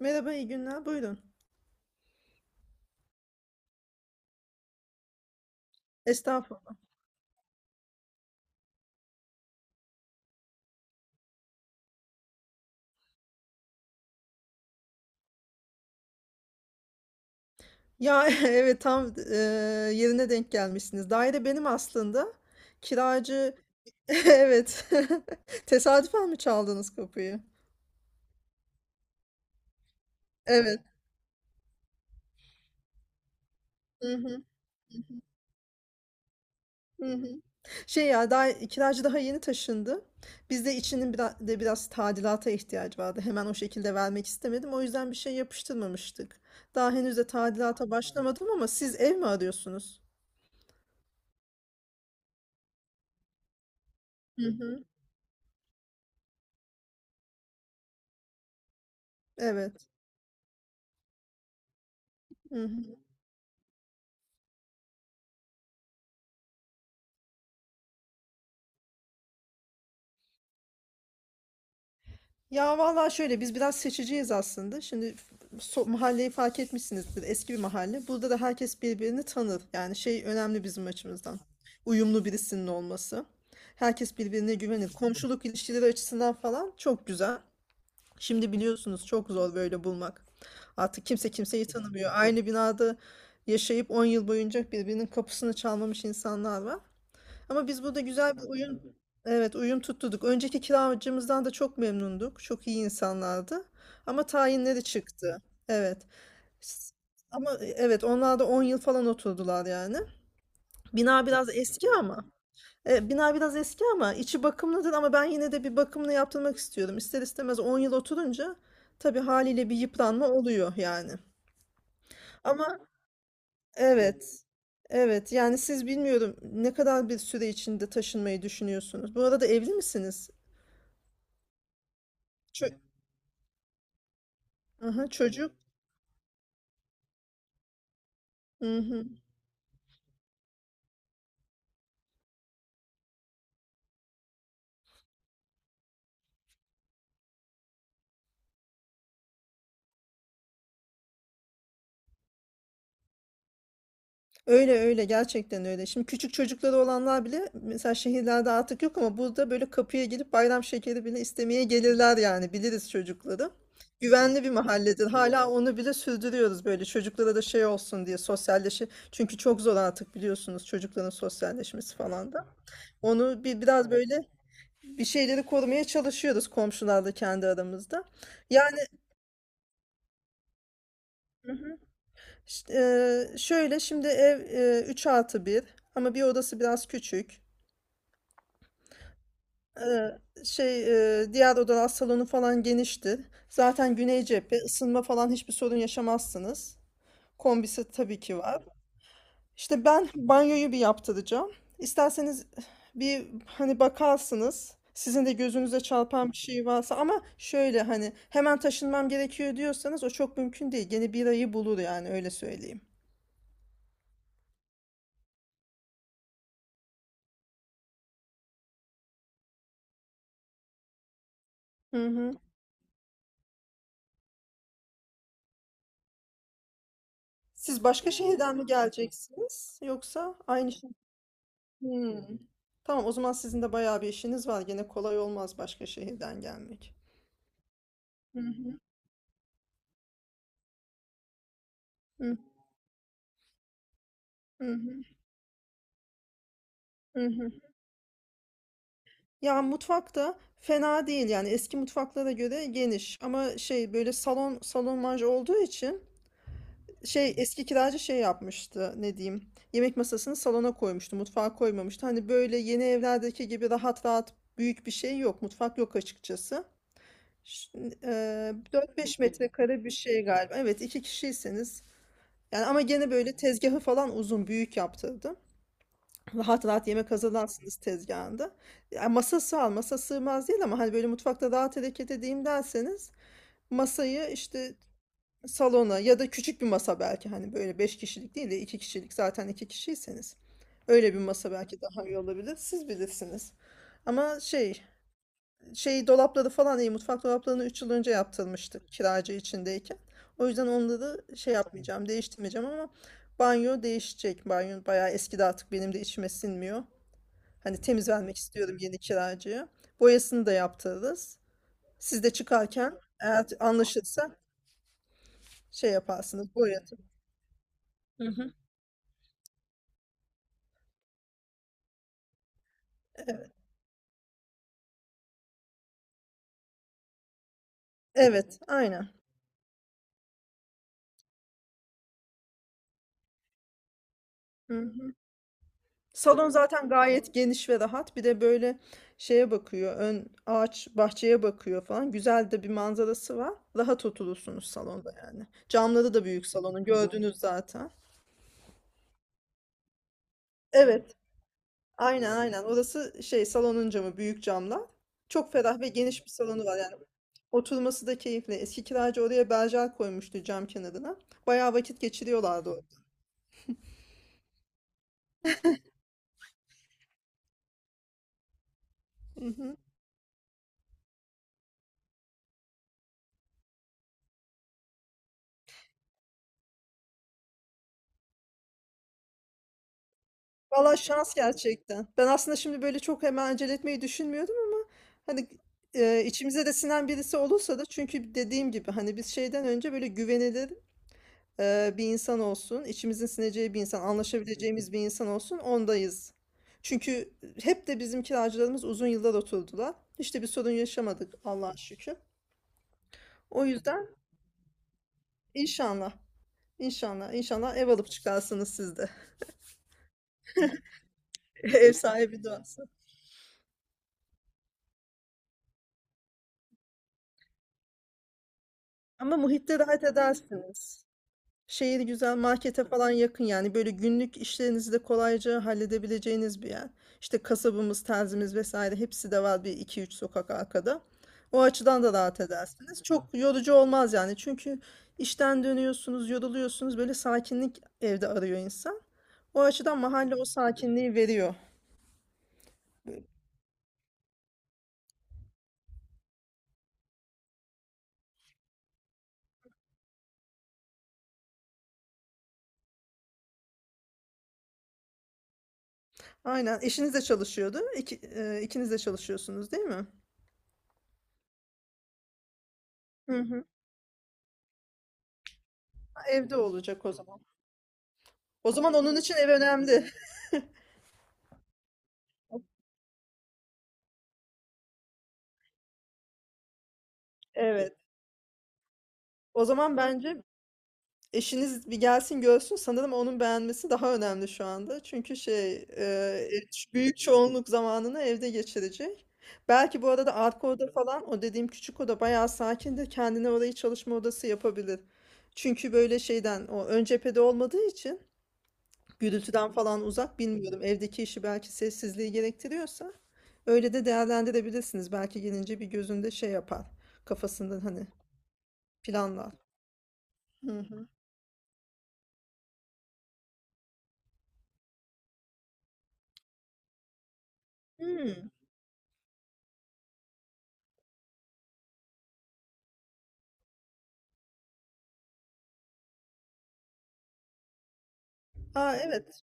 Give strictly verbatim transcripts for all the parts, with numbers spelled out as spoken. Merhaba, iyi günler. Buyurun. Estağfurullah. Ya evet tam e, yerine denk gelmişsiniz. Daire benim aslında. Kiracı evet. Tesadüfen mi çaldınız kapıyı? Evet. Hı hı. Hı hı. Şey ya daha kiracı daha yeni taşındı. Biz de içinin biraz, de biraz tadilata ihtiyacı vardı. Hemen o şekilde vermek istemedim. O yüzden bir şey yapıştırmamıştık. Daha henüz de tadilata başlamadım ama siz ev mi arıyorsunuz? Hı hı. Evet. Hı hı. Ya vallahi şöyle biz biraz seçiciyiz aslında. Şimdi so- mahalleyi fark etmişsinizdir. Eski bir mahalle. Burada da herkes birbirini tanır. Yani şey önemli bizim açımızdan. Uyumlu birisinin olması. Herkes birbirine güvenir. Komşuluk ilişkileri açısından falan çok güzel. Şimdi biliyorsunuz çok zor böyle bulmak. Artık kimse kimseyi tanımıyor. Aynı binada yaşayıp on yıl boyunca birbirinin kapısını çalmamış insanlar var. Ama biz burada güzel bir uyum, evet uyum tutturduk. Önceki kiracımızdan da çok memnunduk. Çok iyi insanlardı. Ama tayinleri çıktı. Evet. S- Ama evet onlar da on yıl falan oturdular yani. Bina biraz eski ama. E, bina biraz eski ama içi bakımlıdır ama ben yine de bir bakımını yaptırmak istiyorum. İster istemez on yıl oturunca tabii haliyle bir yıpranma oluyor yani. Ama evet. Evet yani siz bilmiyorum ne kadar bir süre içinde taşınmayı düşünüyorsunuz. Bu arada evli misiniz? Çö Aha çocuk. Hı hı. Öyle öyle gerçekten öyle. Şimdi küçük çocukları olanlar bile mesela şehirlerde artık yok ama burada böyle kapıya gelip bayram şekeri bile istemeye gelirler yani biliriz çocukları. Güvenli bir mahalledir. Hala onu bile sürdürüyoruz böyle çocuklara da şey olsun diye sosyalleşi. Çünkü çok zor artık biliyorsunuz çocukların sosyalleşmesi falan da. Onu bir biraz böyle bir şeyleri korumaya çalışıyoruz komşularla kendi aramızda. Yani Ş- eee, şöyle şimdi ev eee, üç artı bir ama bir odası biraz küçük. Eee, şey eee, diğer odalar salonu falan geniştir. Zaten güney cephe ısınma falan hiçbir sorun yaşamazsınız. Kombisi tabii ki var. İşte ben banyoyu bir yaptıracağım. İsterseniz bir hani bakarsınız. Sizin de gözünüze çarpan bir şey varsa ama şöyle hani hemen taşınmam gerekiyor diyorsanız o çok mümkün değil. Gene bir ayı bulur yani öyle söyleyeyim. Hı hı. Siz başka şehirden mi geleceksiniz yoksa aynı şey? Hmm. Tamam o zaman sizin de bayağı bir işiniz var. Gene kolay olmaz başka şehirden gelmek. Hı hı, hı hı, hı hı. Ya mutfakta fena değil yani eski mutfaklara göre geniş ama şey böyle salon salon manja olduğu için şey eski kiracı şey yapmıştı ne diyeyim, yemek masasını salona koymuştu, mutfağa koymamıştı. Hani böyle yeni evlerdeki gibi rahat rahat büyük bir şey yok, mutfak yok açıkçası. Ş- eee, dört beş metrekare bir şey galiba. Evet, iki kişiyseniz. Yani ama gene böyle tezgahı falan uzun büyük yaptırdım. Rahat rahat yemek hazırlarsınız tezgahında. Yani masası al masa sığmaz değil ama hani böyle mutfakta rahat hareket edeyim derseniz masayı işte salona ya da küçük bir masa, belki hani böyle beş kişilik değil de iki kişilik, zaten iki kişiyseniz. Öyle bir masa belki daha iyi olabilir. Siz bilirsiniz. Ama şey, şey dolapları falan iyi, mutfak dolaplarını üç yıl önce yaptırmıştık kiracı içindeyken. O yüzden onları şey yapmayacağım, değiştirmeyeceğim ama banyo değişecek. Banyo bayağı eskidi, artık benim de içime sinmiyor. Hani temiz vermek istiyorum yeni kiracıya. Boyasını da yaptırırız. Siz de çıkarken eğer anlaşırsa şey yaparsınız, boyatın. Hı hı. Evet, aynen. Hı. Salon zaten gayet geniş ve rahat. Bir de böyle şeye bakıyor. Ön ağaç bahçeye bakıyor falan. Güzel de bir manzarası var. Rahat oturursunuz salonda yani. Camları da büyük salonun. Gördünüz zaten. Evet. Aynen aynen. Orası şey, salonun camı, büyük camlar. Çok ferah ve geniş bir salonu var yani. Oturması da keyifli. Eski kiracı oraya berjer koymuştu cam kenarına. Bayağı vakit geçiriyorlardı orada. Mhm. Valla şans gerçekten. Ben aslında şimdi böyle çok hemen acele etmeyi düşünmüyordum ama hani e, içimize de sinen birisi olursa da, çünkü dediğim gibi hani biz şeyden önce böyle güvenilir e, bir insan olsun, içimizin sineceği bir insan, anlaşabileceğimiz bir insan olsun ondayız. Çünkü hep de bizim kiracılarımız uzun yıllar oturdular. Hiç de bir sorun yaşamadık Allah'a şükür. O yüzden inşallah, inşallah, inşallah ev alıp çıkarsınız siz de. Ev sahibi duası. Ama muhitte rahat edersiniz. Şehir güzel, markete falan yakın, yani böyle günlük işlerinizi de kolayca halledebileceğiniz bir yer. İşte kasabımız, terzimiz vesaire hepsi de var bir iki üç sokak arkada. O açıdan da rahat edersiniz. Çok yorucu olmaz yani, çünkü işten dönüyorsunuz, yoruluyorsunuz, böyle sakinlik evde arıyor insan. O açıdan mahalle o sakinliği veriyor. Aynen, eşiniz de çalışıyordu. İki, e, ikiniz de çalışıyorsunuz değil mi? Hı hı. Evde olacak o zaman. O zaman onun için ev önemli. Evet. O zaman bence eşiniz bir gelsin görsün. Sanırım onun beğenmesi daha önemli şu anda. Çünkü şey, eee, e, ç- büyük çoğunluk zamanını evde geçirecek. Belki bu arada arka oda falan, o dediğim küçük oda, bayağı sakin, de kendine orayı çalışma odası yapabilir. Çünkü böyle şeyden, o ön cephede olmadığı için gürültüden falan uzak, bilmiyorum, evdeki işi belki sessizliği gerektiriyorsa öyle de değerlendirebilirsiniz. Belki gelince bir gözünde şey yapar, kafasından hani planlar. Hı hı. Hmm. Aa, evet.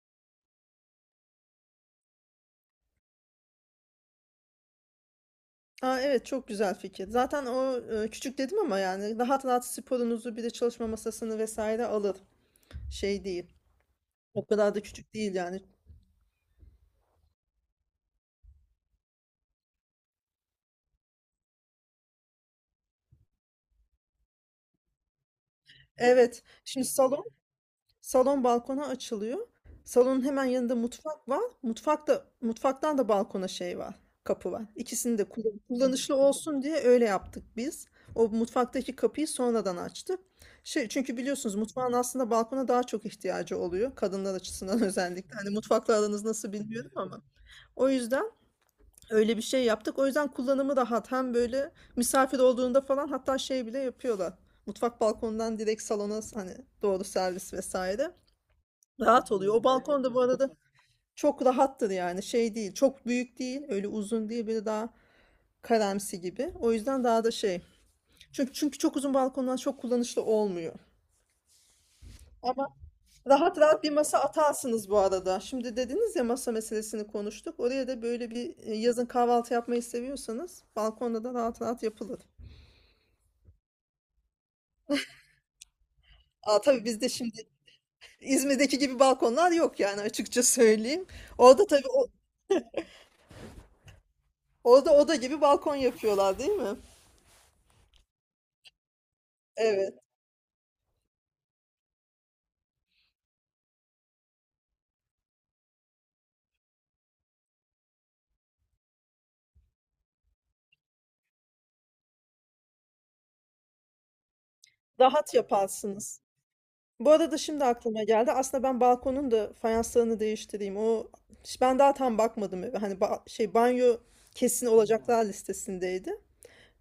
Aa, evet çok güzel fikir. Zaten o e, küçük dedim ama yani rahat rahat sporunuzu bir de çalışma masasını vesaire alır. Şey değil. O kadar da küçük değil yani. Evet. Şimdi salon salon balkona açılıyor. Salonun hemen yanında mutfak var. Mutfakta mutfaktan da balkona şey var. Kapı var. İkisini de kullan- kullanışlı olsun diye öyle yaptık biz. O mutfaktaki kapıyı sonradan açtık. Şey, çünkü biliyorsunuz mutfağın aslında balkona daha çok ihtiyacı oluyor. Kadınlar açısından özellikle. Hani mutfakla aranız nasıl bilmiyorum ama. O yüzden öyle bir şey yaptık. O yüzden kullanımı rahat. Hem böyle misafir olduğunda falan hatta şey bile yapıyorlar. Mutfak balkonundan direkt salona hani doğru servis vesaire. Rahat oluyor. O balkon da bu arada çok rahattır yani. Şey değil. Çok büyük değil. Öyle uzun değil. Böyle daha karamsi gibi. O yüzden daha da şey. Çünkü, çünkü çok uzun balkonlar çok kullanışlı olmuyor. Ama rahat rahat bir masa atarsınız bu arada. Şimdi dediniz ya masa meselesini konuştuk. Oraya da böyle bir e, yazın kahvaltı yapmayı seviyorsanız balkonda da rahat rahat yapılır. Aa, tabii bizde şimdi İzmir'deki gibi balkonlar yok yani, açıkça söyleyeyim. Orada tabii o- orada oda gibi balkon yapıyorlar değil mi? Evet. Rahat yaparsınız. Bu arada şimdi aklıma geldi. Aslında ben balkonun da fayanslarını değiştireyim. O, ben daha tam bakmadım eve. Hani ba- şey, banyo kesin olacaklar listesindeydi.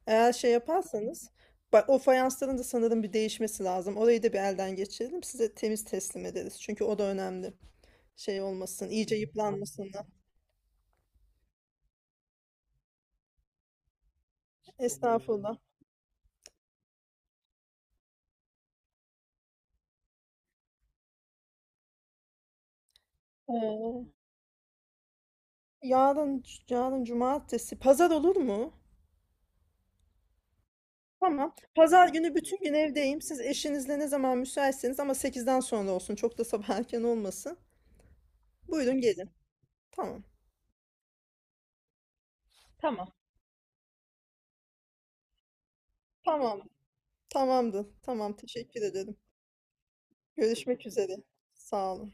Eğer şey yaparsanız, bak, o fayansların da sanırım bir değişmesi lazım. Orayı da bir elden geçirelim. Size temiz teslim ederiz. Çünkü o da önemli. Şey olmasın, iyice yıpranmasınlar. Estağfurullah. Ee, yarın, yarın cumartesi, pazar olur mu? Tamam. Pazar günü bütün gün evdeyim. Siz eşinizle ne zaman müsaitseniz, ama sekizden sonra olsun. Çok da sabah erken olmasın. Buyurun gelin. Tamam. Tamam. Tamam. Tamamdır. Tamam. Teşekkür ederim. Görüşmek üzere. Sağ olun.